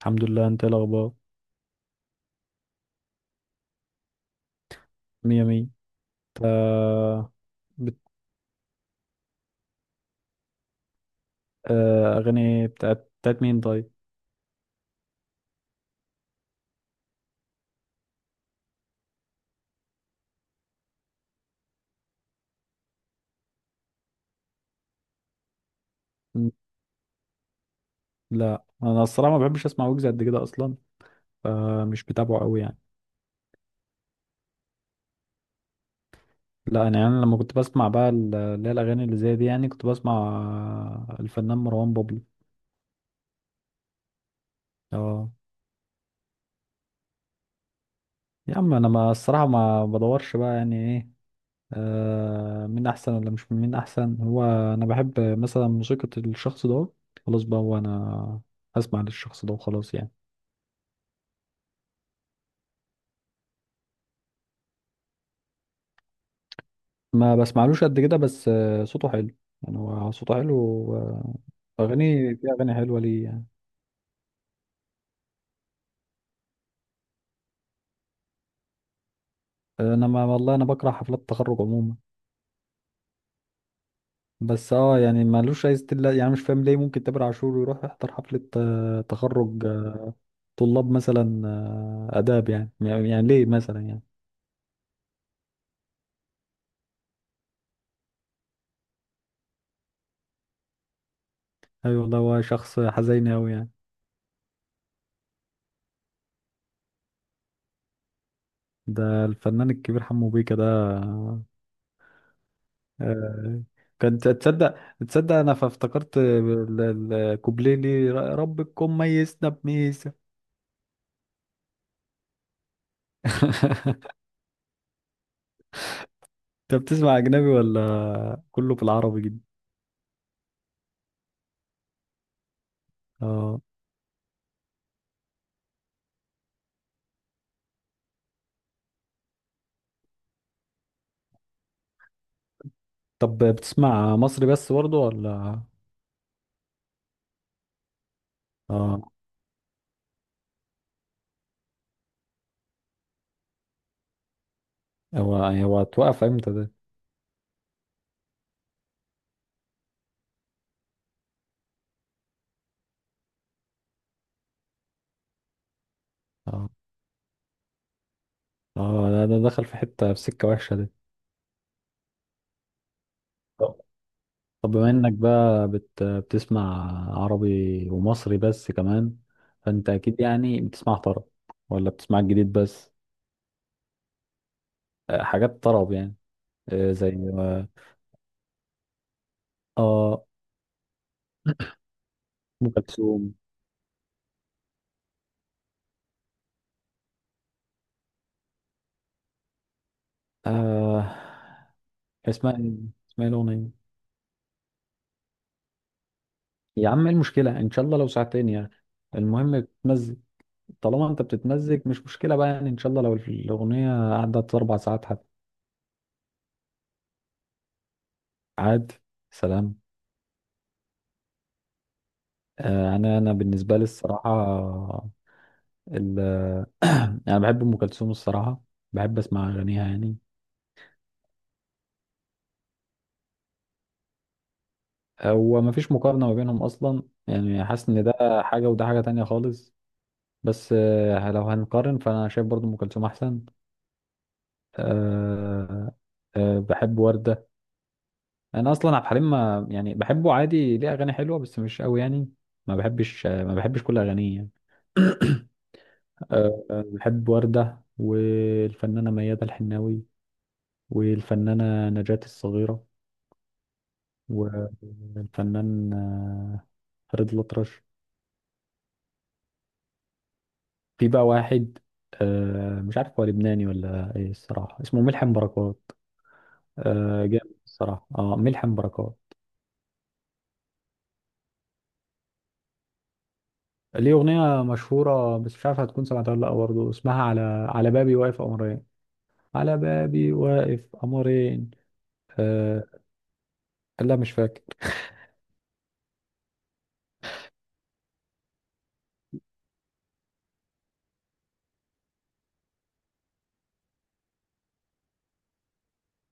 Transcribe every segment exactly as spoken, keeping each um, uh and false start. الحمد لله، انت ايه الاخبار؟ مية مية. انت؟ بت... آه، اغاني بتاعت بتاعت مين، طيب؟ م- لا، انا الصراحه ما بحبش اسمع ويجز قد كده اصلا. فمش بتابعه قوي يعني. لا، انا يعني لما كنت بسمع بقى ال- اللي هي الاغاني اللي زي دي يعني كنت بسمع. آه، الفنان مروان بابلو. اه، يا عم، انا، ما الصراحه ما بدورش بقى، يعني ايه. آه مين احسن ولا مش مين احسن، هو انا بحب مثلا موسيقى الشخص ده. خلاص بقى، هو انا هسمع للشخص ده وخلاص يعني. ما بسمعلوش قد كده، بس آه، صوته حلو، يعني هو صوته حلو و- واغاني في اغاني حلوه ليه يعني. انا، ما والله انا بكره حفلات التخرج عموما، بس اه يعني مالوش اي ستيل، يعني مش فاهم ليه ممكن تامر عاشور يروح يحضر حفله آه، تخرج آه، طلاب مثلا آه، اداب، يعني يعني يعني ليه مثلا، يعني. ايوه والله، هو شخص حزين قوي يعني. ده الفنان الكبير حمو بيكا ده. آه، كنت تصدق تصدق، انا فافتكرت ال- ال- الكوبليه، ليه ر- ربكم ميزنا بميزه. انت بتسمع اجنبي ولا كله بالعربي جدا؟ اه، طب بتسمع مصري بس برضه، ولا؟ اه، هو هو اتوقف امتى ده؟ اه، اه، ده ده دخل في حته في سكه وحشه ده. طب طب بما انك بقى بت بتسمع عربي ومصري بس كمان، فانت اكيد يعني بتسمع طرب، ولا بتسمع الجديد بس؟ آه، حاجات طرب يعني. آه، زي ما- اه. ام كلثوم. آه. اسمها ايه اسمها ايه الاغنيه؟ يا عم، ايه المشكله؟ ان شاء الله لو ساعتين يعني. المهم بتمزج. طالما انت بتتمزج مش مشكله بقى يعني، ان شاء الله لو الاغنيه قعدت اربع ساعات حتى. عاد. سلام. آه. انا انا بالنسبه لي الصراحه، ال انا بحب ام كلثوم الصراحه، بحب اسمع اغانيها يعني. هو مفيش مقارنه ما بينهم اصلا يعني، حاسس ان ده حاجه وده حاجه تانية خالص. بس آه، لو هنقارن فانا شايف برضو ام كلثوم احسن. أه. أه بحب وردة. انا اصلا عبد الحليم ما يعني بحبه عادي، ليه اغاني حلوة بس مش قوي يعني. ما بحبش آه، ما بحبش كل اغانيه يعني. أه آه، بحب وردة والفنانة ميادة الحناوي، والفنانة نجاة الصغيرة، والفنان آه، فريد الأطرش. في بقى واحد، آه، مش عارف هو لبناني ولا ايه الصراحة، اسمه ملحم بركات. آه جامد الصراحة، اه، ملحم بركات. ليه أغنية مشهورة، بس مش عارف هتكون سمعتها ولا لأ، برضه اسمها على، على بابي واقف قمرين، على بابي واقف قمرين. آه. لا، مش فاكر.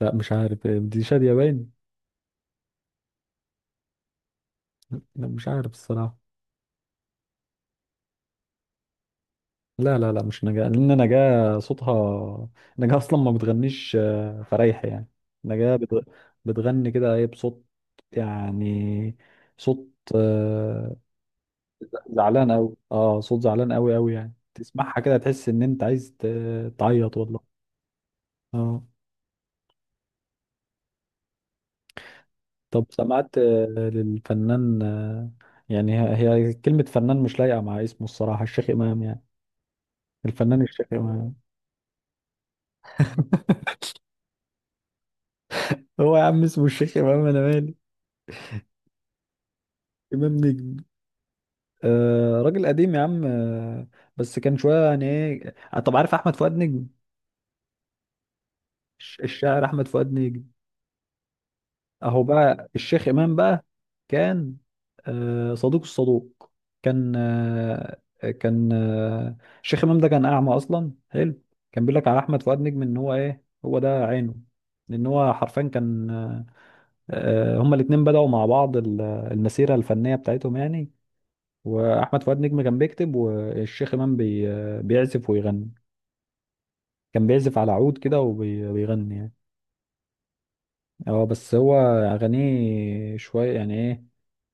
لا، مش عارف، دي شادية باين. لا، مش عارف الصراحة. لا، لا، لا، مش نجاة، لأن نجاة صوتها، نجاة أصلا ما بتغنيش آه، فريح يعني. نجاة بتغ... بتغني كده، إيه، بصوت، يعني، صوت، آه، زعلان قوي، اه، صوت زعلان قوي قوي، يعني تسمعها كده تحس ان انت عايز ت- تعيط والله. اه. طب، سمعت آه، للفنان آه، يعني هي هي كلمة فنان مش لايقة مع اسمه الصراحة، الشيخ إمام يعني. الفنان الشيخ إمام. هو يا عم، اسمه الشيخ إمام، أنا مالي. إمام نجم. آه راجل قديم يا عم، آه بس كان شوية يعني إيه، آه، طب، عارف أحمد فؤاد نجم؟ الش- الشاعر أحمد فؤاد نجم. اهو بقى الشيخ امام بقى، كان آه، صدوق الصدوق، كان آه، كان آه، الشيخ امام ده كان اعمى اصلا، حلو. كان بيقول لك على احمد فؤاد نجم ان هو ايه، هو ده عينه. لان هو حرفيا كان آه، آه، هما الاتنين بدأوا مع بعض ال- المسيرة الفنية بتاعتهم يعني. واحمد فؤاد نجم كان بيكتب، والشيخ امام بي آه، بيعزف ويغني، كان بيعزف على عود كده وبيغني يعني. اه، بس هو اغانيه شوية يعني ايه،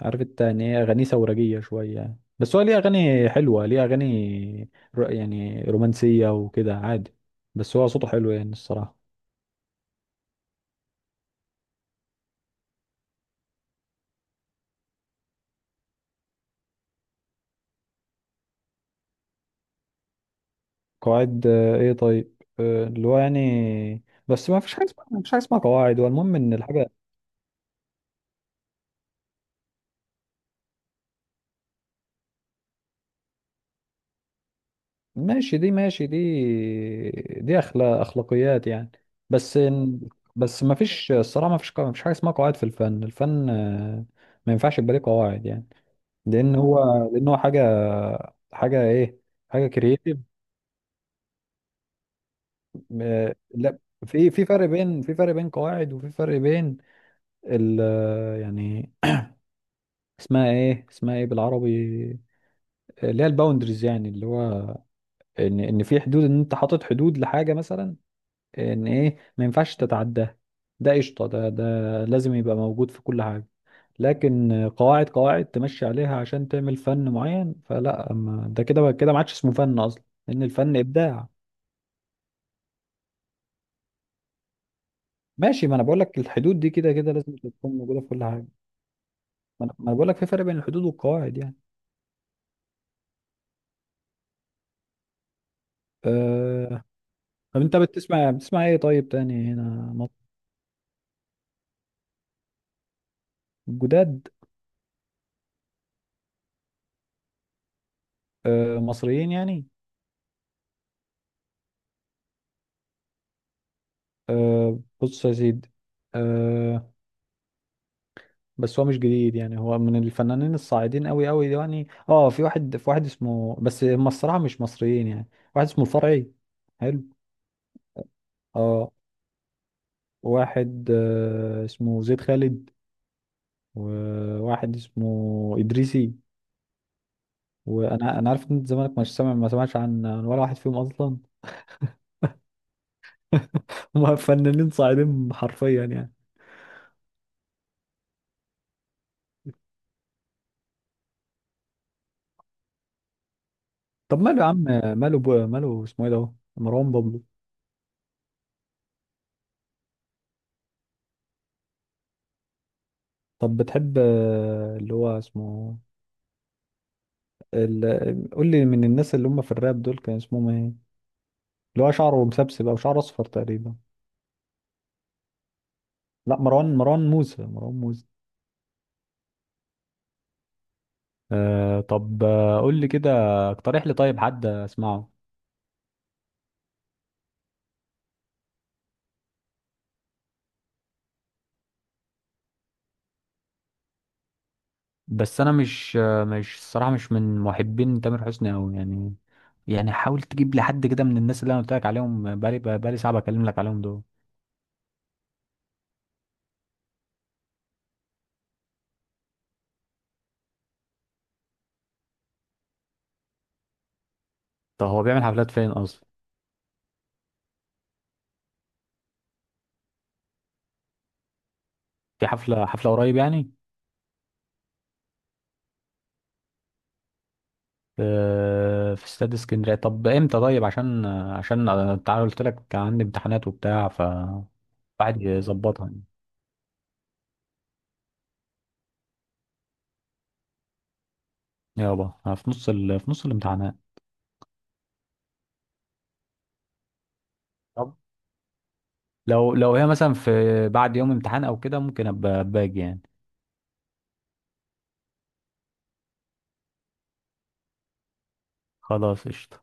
عارف انت يعني ايه، اغانيه ثورجيه شويه يعني. بس هو ليه اغاني حلوه، ليه اغاني ر- يعني رومانسيه وكده، عادي. بس هو صوته حلو يعني الصراحه. قواعد آه، ايه، طيب. آه، اللي هو يعني، بس ما فيش حاجه اسمها ما فيش حاجه اسمها قواعد، هو المهم ان الحاجه ماشي دي، ماشي دي. دي اخلاق اخلاقيات يعني. بس إن- بس ما فيش الصراحه ما فيش ما فيش حاجه اسمها قواعد في الفن الفن آه، ما ينفعش يبقى ليه قواعد يعني. لان هو لان هو حاجه، حاجه ايه حاجه كرييتيف. لا، في في فرق بين في فرق بين قواعد، وفي فرق بين ال يعني، اسمها ايه اسمها ايه بالعربي؟ اللي هي الباوندريز، يعني اللي هو ان ان في حدود، ان انت حاطط حدود لحاجه مثلا، ان ايه، ما ينفعش تتعداها. ده قشطه، ده ده لازم يبقى موجود في كل حاجه. لكن قواعد قواعد تمشي عليها عشان تعمل فن معين فلا، ما ده كده كده ما عادش اسمه فن اصلا، لان الفن ابداع. ماشي، ما انا بقول لك، الحدود دي كده كده لازم تكون موجوده في كل حاجه. ما انا ما أنا بقول لك في فرق بين الحدود والقواعد يعني. أه... طب، انت بتسمع بتسمع ايه طيب تاني هنا؟ مط- جداد؟ أه... مصريين يعني؟ أه... بص يا سيدي، أه... بس هو مش جديد يعني، هو من الفنانين الصاعدين قوي قوي يعني. اه، في واحد في واحد اسمه، بس هم الصراحه مش مصريين يعني، واحد اسمه الفرعي. حلو. اه. واحد آه، اسمه زيد خالد، وواحد اسمه ادريسي. وانا انا عارف ان انت زمانك مش سامع، ما سمعتش عن عن ولا واحد فيهم اصلا. هم فنانين صاعدين حرفيا يعني. طب، ماله يا عم؟ ماله بو- ماله اسمه ايه ده هو؟ مروان بابلو. طب، بتحب آه، اللي هو اسمه ال... قول لي، من الناس اللي هم في الراب دول كان اسمهم ايه، اللي هو شعره مسبسب او شعره اصفر تقريبا؟ لا، مروان مروان موسى، مروان موسى. آه طب، آه، قول لي كده، اقترح لي طيب حد اسمعه. بس انا مش، مش الصراحه مش من محبين تامر حسني قوي يعني. يعني حاول تجيب لي حد كده من الناس اللي انا قلت لك عليهم، بقالي بقالي ساعه بكلم لك عليهم دول. طب، هو بيعمل حفلات فين اصلا؟ في حفله حفله قريب يعني؟ آه، في استاد اسكندريه؟ طب، امتى؟ طيب، عشان عشان انت عارف، قلت لك كان عندي امتحانات وبتاع، ف الواحد يظبطها يعني. يابا، أنا في نص ال... في نص الامتحانات. طب، لو لو هي مثلا في بعد يوم امتحان او كده، ممكن ابقى باجي يعني. خلاص قشطه.